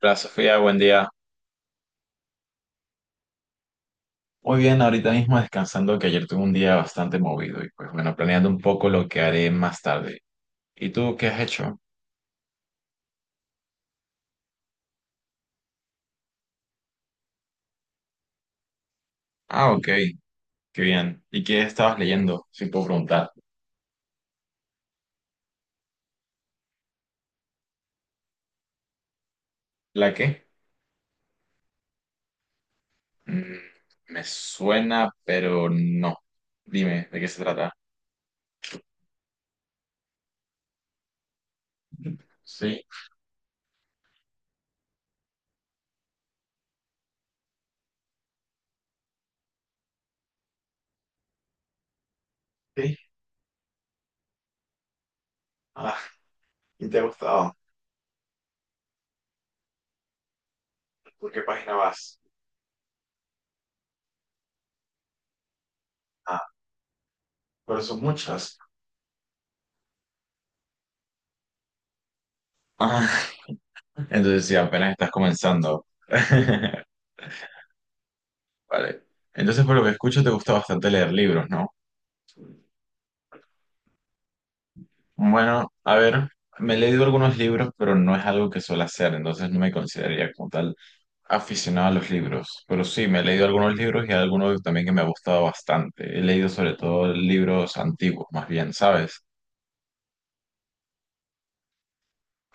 Hola Sofía, buen día. Muy bien, ahorita mismo descansando que ayer tuve un día bastante movido y pues bueno, planeando un poco lo que haré más tarde. ¿Y tú qué has hecho? Ah, ok, qué bien. ¿Y qué estabas leyendo? Si puedo preguntar. ¿La qué? Mm, me suena, pero no. Dime, ¿de qué se trata? Sí. Sí. Ah, ¿y te ha gustado? ¿Por qué página vas? Ah, pero son muchas. Ah, entonces sí, apenas estás comenzando. Vale. Entonces, por lo que escucho, te gusta bastante leer libros, ¿no? Bueno, a ver, me he leído algunos libros, pero no es algo que suelo hacer, entonces no me consideraría como tal aficionado a los libros. Pero sí, me he leído algunos libros y algunos también que me ha gustado bastante. He leído sobre todo libros antiguos, más bien, ¿sabes?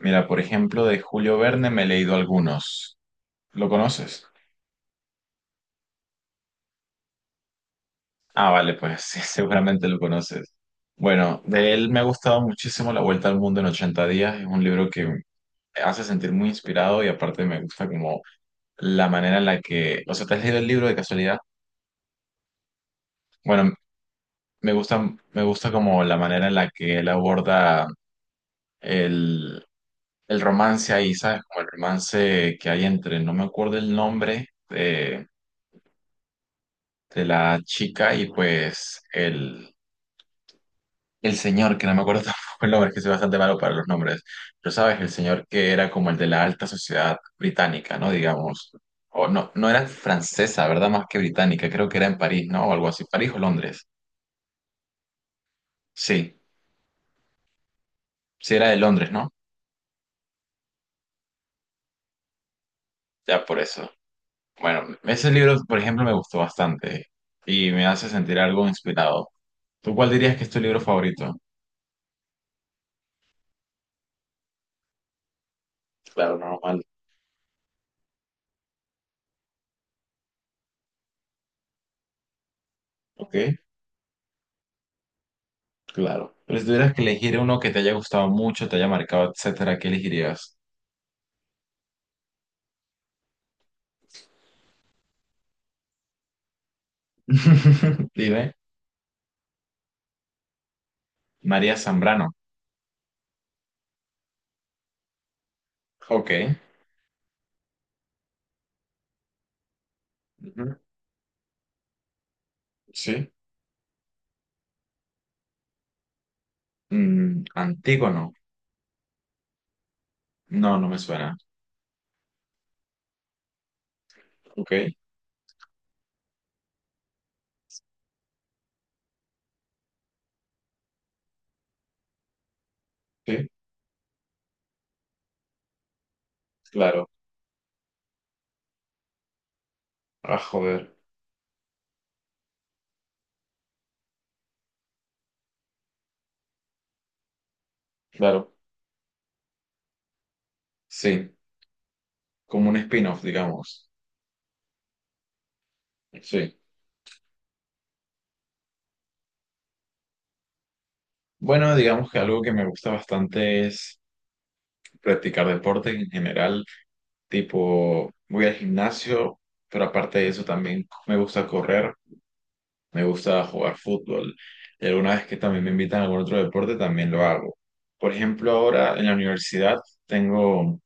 Mira, por ejemplo, de Julio Verne me he leído algunos. ¿Lo conoces? Ah, vale, pues sí, seguramente lo conoces. Bueno, de él me ha gustado muchísimo La Vuelta al Mundo en 80 días. Es un libro que hace sentir muy inspirado y aparte me gusta como la manera en la que, o sea, ¿te has leído el libro de casualidad? Bueno, me gusta, me gusta como la manera en la que él aborda el, el romance ahí, ¿sabes? Como el romance que hay entre, no me acuerdo el nombre de la chica y pues el señor, que no me acuerdo tampoco el nombre, es que soy bastante malo para los nombres, pero sabes, el señor que era como el de la alta sociedad británica, ¿no? Digamos, o no, no era francesa, ¿verdad? Más que británica, creo que era en París, ¿no? O algo así, París o Londres. Sí, sí era de Londres, ¿no? Ya por eso. Bueno, ese libro, por ejemplo, me gustó bastante y me hace sentir algo inspirado. ¿Tú cuál dirías que es tu libro favorito? Claro, normal. Ok, claro. Pero si tuvieras que elegir uno que te haya gustado mucho, te haya marcado, etcétera, ¿qué elegirías? Dime, María Zambrano. Ok. Ujú. Sí. Antígono. No, no me suena. Ok. Sí, claro. Ah, joder. Claro. Sí. Como un spin-off, digamos. Sí. Bueno, digamos que algo que me gusta bastante es practicar deporte en general. Tipo, voy al gimnasio, pero aparte de eso también me gusta correr. Me gusta jugar fútbol. Y alguna vez que también me invitan a algún otro deporte, también lo hago. Por ejemplo, ahora en la universidad tengo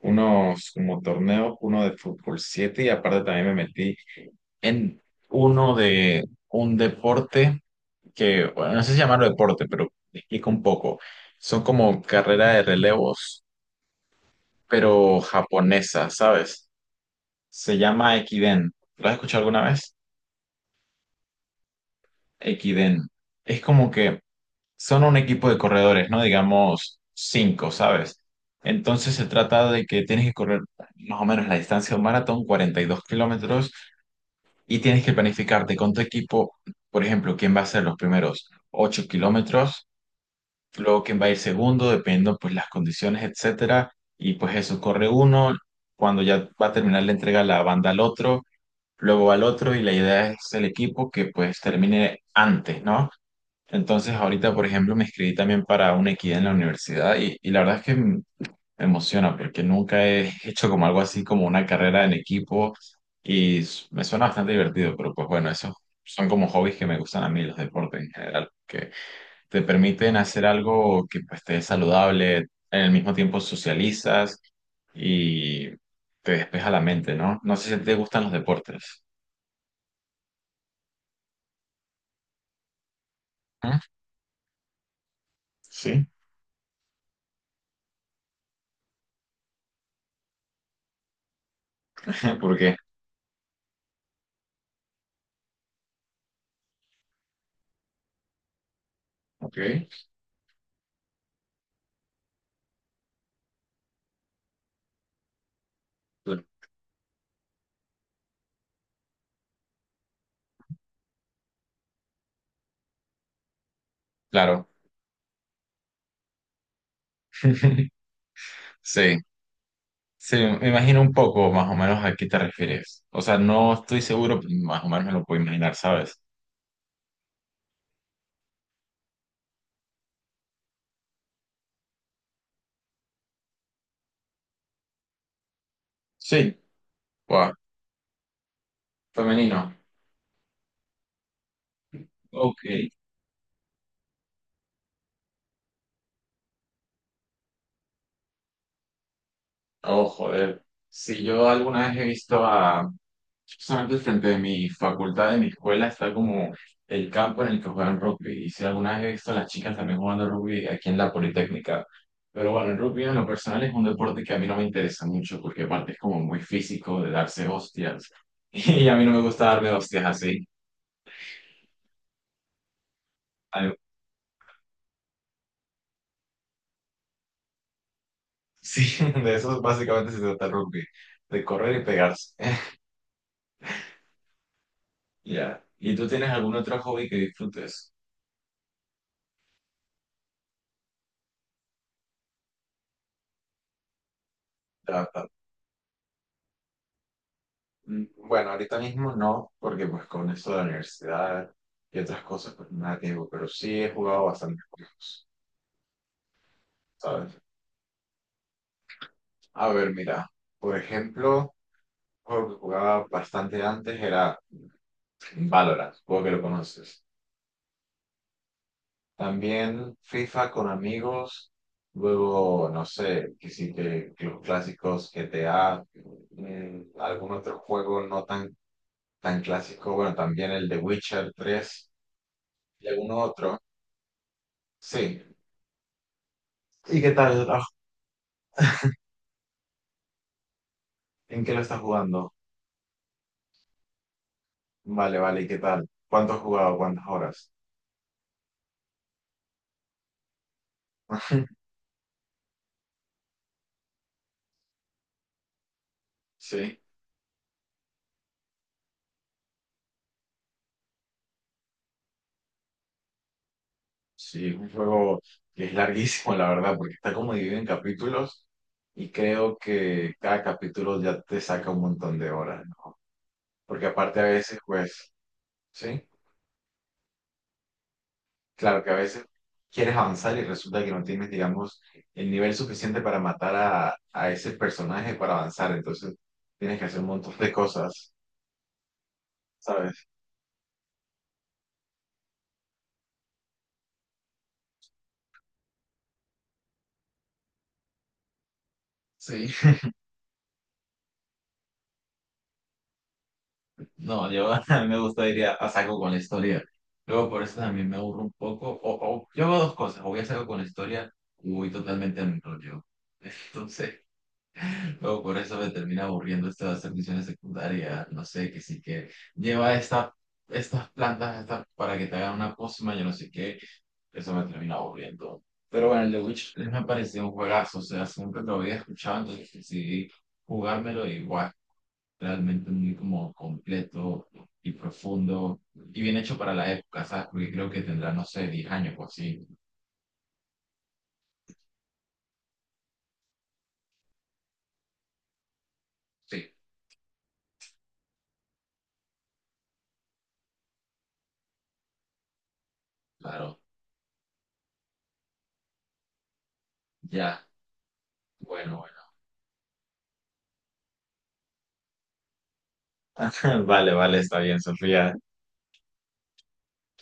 unos como torneos, uno de fútbol 7 y aparte también me metí en uno de un deporte que, bueno, no sé si llamarlo deporte, pero te explico un poco. Son como carrera de relevos, pero japonesa, ¿sabes? Se llama Ekiden. ¿Lo has escuchado alguna vez? Ekiden. Es como que son un equipo de corredores, ¿no? Digamos cinco, ¿sabes? Entonces se trata de que tienes que correr más o menos la distancia de un maratón, 42 kilómetros, y tienes que planificarte con tu equipo, por ejemplo, quién va a ser los primeros 8 kilómetros, luego quién va a ir segundo, dependiendo pues las condiciones, etcétera, y pues eso, corre uno, cuando ya va a terminar la entrega la banda al otro, luego al otro, y la idea es el equipo que pues termine antes, ¿no? Entonces, ahorita, por ejemplo, me inscribí también para una equidad en la universidad y la verdad es que me emociona porque nunca he hecho como algo así como una carrera en equipo y me suena bastante divertido, pero pues bueno, esos son como hobbies que me gustan a mí, los deportes en general, que te permiten hacer algo que pues te es saludable, en el mismo tiempo socializas y te despeja la mente, ¿no? No sé si te gustan los deportes. ¿Mm? Sí. ¿Por qué? Ok. Claro. Sí. Sí, me imagino un poco más o menos a qué te refieres. O sea, no estoy seguro, pero más o menos me lo puedo imaginar, ¿sabes? Sí, guau, femenino. Ok. Oh, joder. Si yo alguna vez he visto a… Justamente frente de mi facultad, de mi escuela, está como el campo en el que juegan rugby. Y si alguna vez he visto a las chicas también jugando rugby aquí en la Politécnica. Pero bueno, el rugby en lo personal es un deporte que a mí no me interesa mucho porque aparte es como muy físico de darse hostias. Y a mí no me gusta darme hostias así. Sí, de eso básicamente se trata el rugby, de correr y pegarse. Ya. ¿Y tú tienes algún otro hobby que disfrutes? Ya, bueno, ahorita mismo no, porque pues con esto de la universidad y otras cosas, pues nada tengo, pero sí he jugado bastantes juegos, ¿sabes? A ver, mira, por ejemplo, un juego que jugaba bastante antes era Valorant, supongo que lo conoces. También FIFA con amigos, luego, no sé, que sí que los clásicos GTA, mm, algún otro juego no tan clásico, bueno, también el de Witcher 3 y algún otro, sí. ¿Y qué tal? Ah, ¿en qué lo estás jugando? Vale, vale, ¿y qué tal? ¿Cuánto has jugado? ¿Cuántas horas? Sí, sí, es un juego que es larguísimo, la verdad, porque está como dividido en capítulos y creo que cada capítulo ya te saca un montón de horas. Porque aparte a veces, pues, sí, claro que a veces quieres avanzar y resulta que no tienes, digamos, el nivel suficiente para matar a ese personaje para avanzar. Entonces, tienes que hacer un montón de cosas, ¿sabes? Sí. No, yo a mí me gusta ir a saco con la historia. Luego por eso también me aburro un poco. O yo hago dos cosas. O voy a saco con la historia o voy totalmente a mi rollo. Entonces, luego por eso me termina aburriendo esto de hacer misiones secundarias, no sé, que sí que lleva esta, estas plantas estas para que te hagan una pócima, yo no sé qué, eso me termina aburriendo. Pero bueno, el The Witch 3 me pareció un juegazo, o sea, siempre lo había escuchado, entonces decidí jugármelo igual, realmente muy como completo y profundo y bien hecho para la época, ¿sabes? Porque creo que tendrá, no sé, 10 años o así. Sí, claro, ya, bueno, bueno. Vale, vale, está bien, Sofía.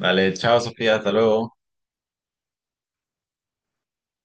Dale, chao Sofía, hasta luego.